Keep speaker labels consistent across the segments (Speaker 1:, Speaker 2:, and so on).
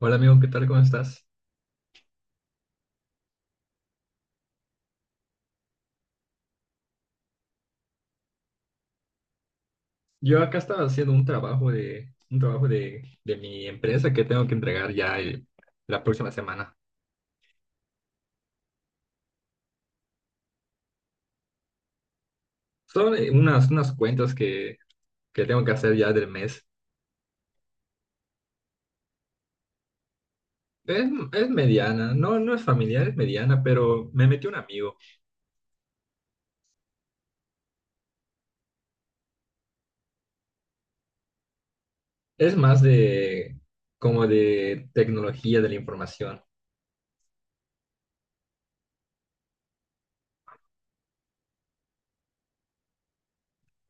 Speaker 1: Hola amigo, ¿qué tal? ¿Cómo estás? Yo acá estaba haciendo un trabajo de mi empresa que tengo que entregar ya la próxima semana. Son unas cuentas que tengo que hacer ya del mes. Es, es mediana, no, no es familiar, es mediana, pero me metió un amigo. Es más de como de tecnología de la información.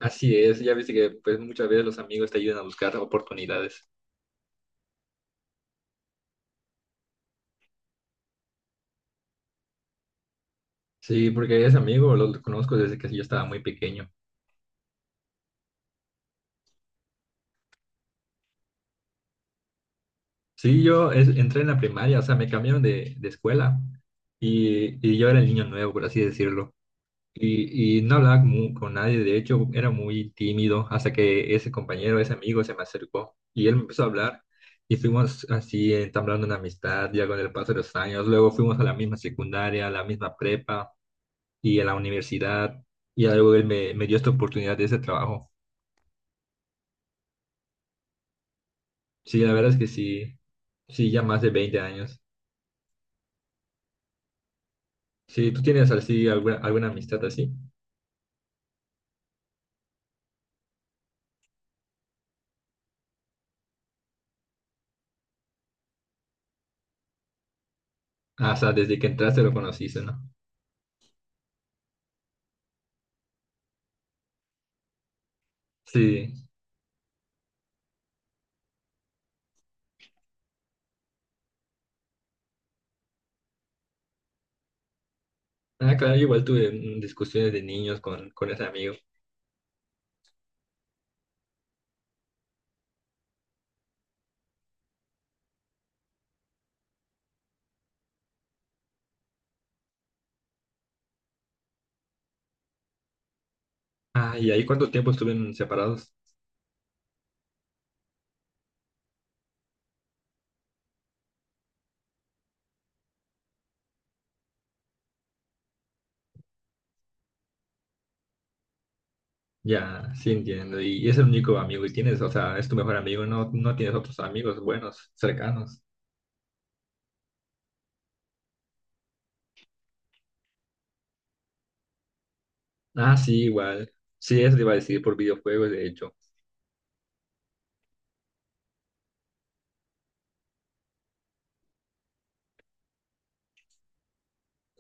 Speaker 1: Así es, ya viste que pues muchas veces los amigos te ayudan a buscar oportunidades. Sí, porque ese amigo lo conozco desde que yo estaba muy pequeño. Sí, yo entré en la primaria, o sea, me cambiaron de escuela y yo era el niño nuevo, por así decirlo. Y no hablaba con nadie, de hecho, era muy tímido hasta que ese compañero, ese amigo se me acercó y él me empezó a hablar y fuimos así entablando una amistad ya con el paso de los años. Luego fuimos a la misma secundaria, a la misma prepa y a la universidad y luego él me dio esta oportunidad de ese trabajo. Sí, la verdad es que sí, sí, ya más de 20 años. Sí, ¿tú tienes así alguna amistad así? Ah, o sea, desde que entraste lo conociste, ¿no? Sí. Ah, claro, yo igual tuve discusiones de niños con ese amigo. Ah, ¿y ahí cuánto tiempo estuvieron separados? Ya, sí entiendo. Y es el único amigo que tienes, o sea, es tu mejor amigo, no, no tienes otros amigos buenos, cercanos. Ah, sí, igual. Sí, eso te iba a decir por videojuegos, de hecho.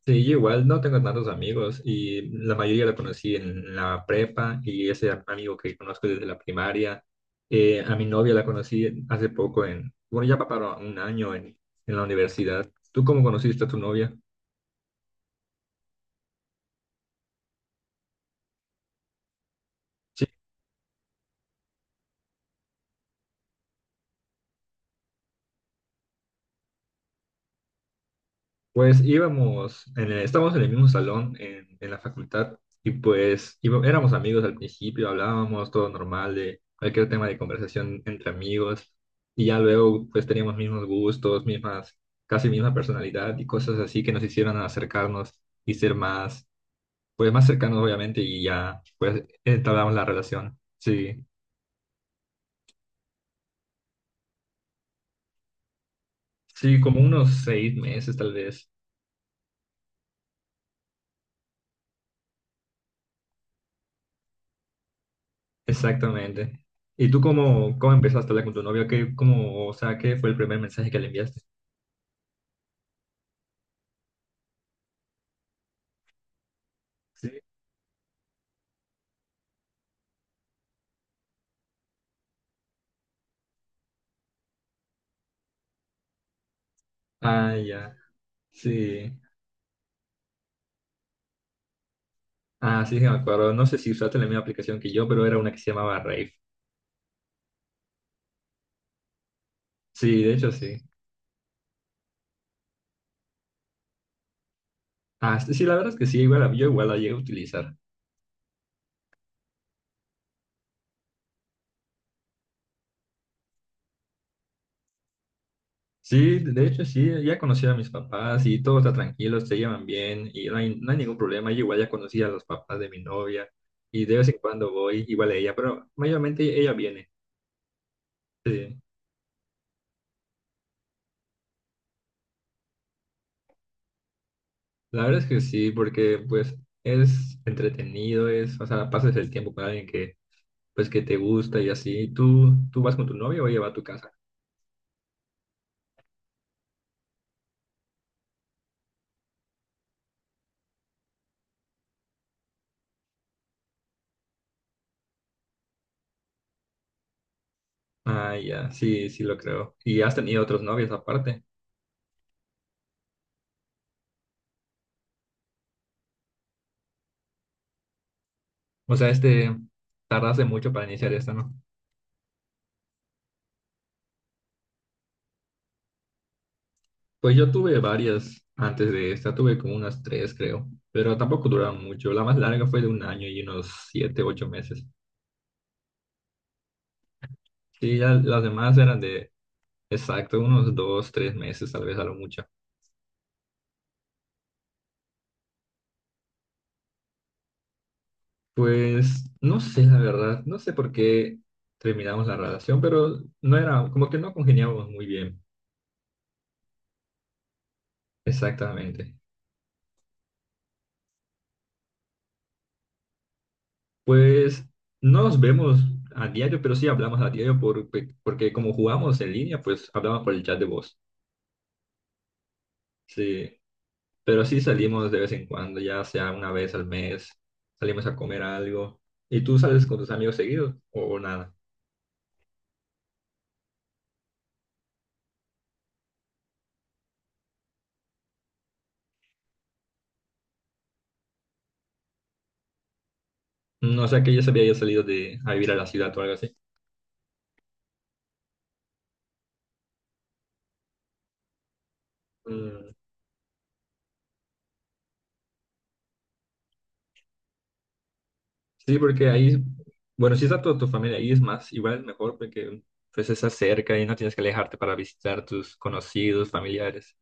Speaker 1: Sí, yo igual no tengo tantos amigos y la mayoría la conocí en la prepa y ese amigo que conozco desde la primaria. A mi novia la conocí hace poco en, bueno, ya para un año en la universidad. ¿Tú cómo conociste a tu novia? Pues íbamos, estábamos en el mismo salón en la facultad y pues éramos amigos al principio, hablábamos todo normal de cualquier tema de conversación entre amigos y ya luego pues teníamos mismos gustos, mismas, casi misma personalidad y cosas así que nos hicieron acercarnos y ser más, pues más cercanos obviamente y ya pues entablamos la relación. Sí, sí, como unos 6 meses tal vez. Exactamente. ¿Y tú cómo empezaste a hablar con tu novio? ¿Qué, cómo, o sea, qué fue el primer mensaje que le enviaste? Sí. Ah, ya. Sí. Ah, sí, sí, me acuerdo. No sé si usaste la misma aplicación que yo, pero era una que se llamaba Rave. Sí, de hecho, sí. Ah, sí, sí, la verdad es que sí, igual, yo igual la llegué a utilizar. Sí, de hecho, sí, ya conocí a mis papás y todo está tranquilo, se llevan bien y no hay ningún problema. Yo igual ya conocí a los papás de mi novia y de vez en cuando voy igual a ella, pero mayormente ella viene. Sí. La verdad es que sí, porque pues es entretenido, o sea, pasas el tiempo con alguien que pues que te gusta y así. ¿Tú vas con tu novio o ella va a tu casa? Ah, ya, sí, sí lo creo. ¿Y has tenido otros novios aparte? O sea, este, tardaste mucho para iniciar esta, ¿no? Pues yo tuve varias antes de esta, tuve como unas tres, creo, pero tampoco duraron mucho. La más larga fue de un año y unos 7, 8 meses. Sí, ya las demás eran exacto, unos 2, 3 meses, tal vez a lo mucho. Pues no sé, la verdad, no sé por qué terminamos la relación, pero no era, como que no congeniábamos muy bien, exactamente. Pues no nos vemos a diario, pero sí hablamos a diario porque como jugamos en línea, pues hablamos por el chat de voz, sí. Pero sí salimos de vez en cuando, ya sea una vez al mes, salimos a comer algo. ¿Y tú sales con tus amigos seguidos o nada? No sé, que ya se había ido salido de a vivir a la ciudad o algo así. Sí, porque ahí, bueno, si está toda tu familia ahí es más, igual es mejor porque pues estás cerca y no tienes que alejarte para visitar tus conocidos, familiares.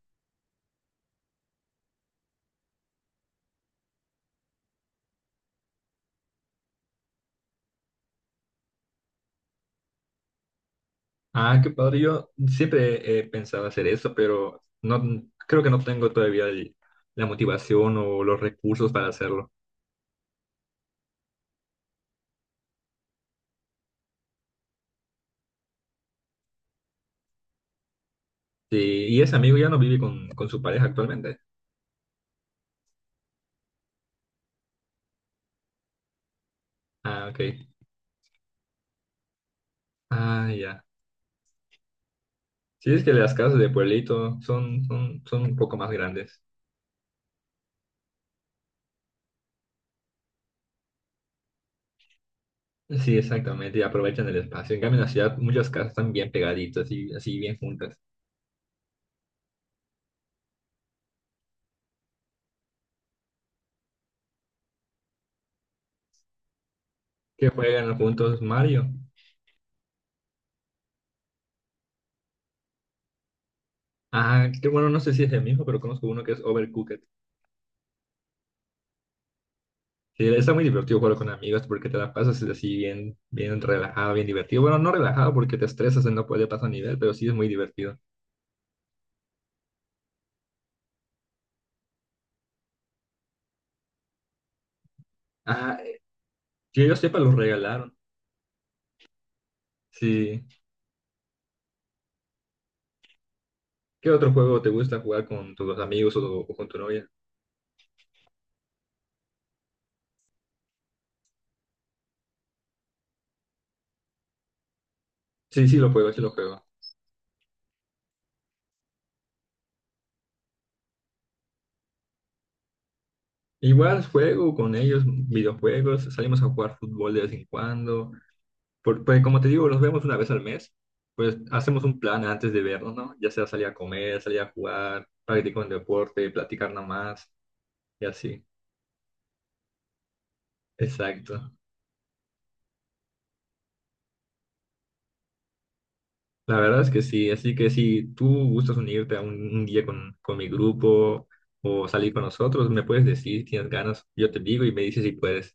Speaker 1: Ah, qué padre, yo siempre he pensado hacer eso, pero no creo que no tengo todavía la motivación o los recursos para hacerlo. Sí, y ese amigo ya no vive con su pareja actualmente. Ah, ok. Ah, ya. Sí, es que las casas de pueblito son un poco más grandes. Sí, exactamente, y aprovechan el espacio. En cambio, en la ciudad muchas casas están bien pegaditas y así bien juntas. Que juegan juntos Mario. Ah, que bueno, no sé si es el mismo, pero conozco uno que es Overcooked. Que está muy divertido jugar con amigos porque te la pasas así bien, bien relajado, bien divertido. Bueno, no relajado porque te estresas y no puede pasar nivel, pero sí es muy divertido. Ah, que yo sepa, los regalaron. Sí. ¿Qué otro juego te gusta jugar con tus amigos o con tu novia? Sí, sí, lo juego, sí lo juego. Igual juego con ellos, videojuegos, salimos a jugar fútbol de vez en cuando. Pues como te digo, los vemos una vez al mes, pues hacemos un plan antes de vernos, ¿no? Ya sea salir a comer, salir a jugar, practicar un deporte, platicar nada más y así. Exacto. La verdad es que sí, así que si tú gustas unirte a un día con mi grupo o salir con nosotros, me puedes decir, tienes ganas, yo te digo y me dices si puedes.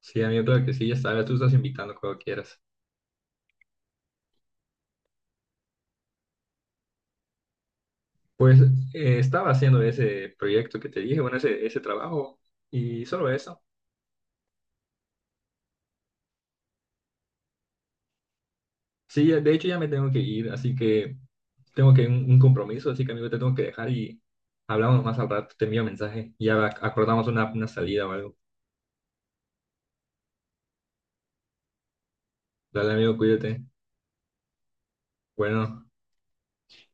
Speaker 1: Sí, amigo, claro que sí, ya sabes, tú estás invitando cuando quieras. Pues estaba haciendo ese proyecto que te dije, bueno, ese trabajo y solo eso. Sí, de hecho ya me tengo que ir, así que tengo que un compromiso, así que amigo, te tengo que dejar y hablamos más al rato, te envío mensaje, ya acordamos una salida o algo. Dale amigo, cuídate. Bueno.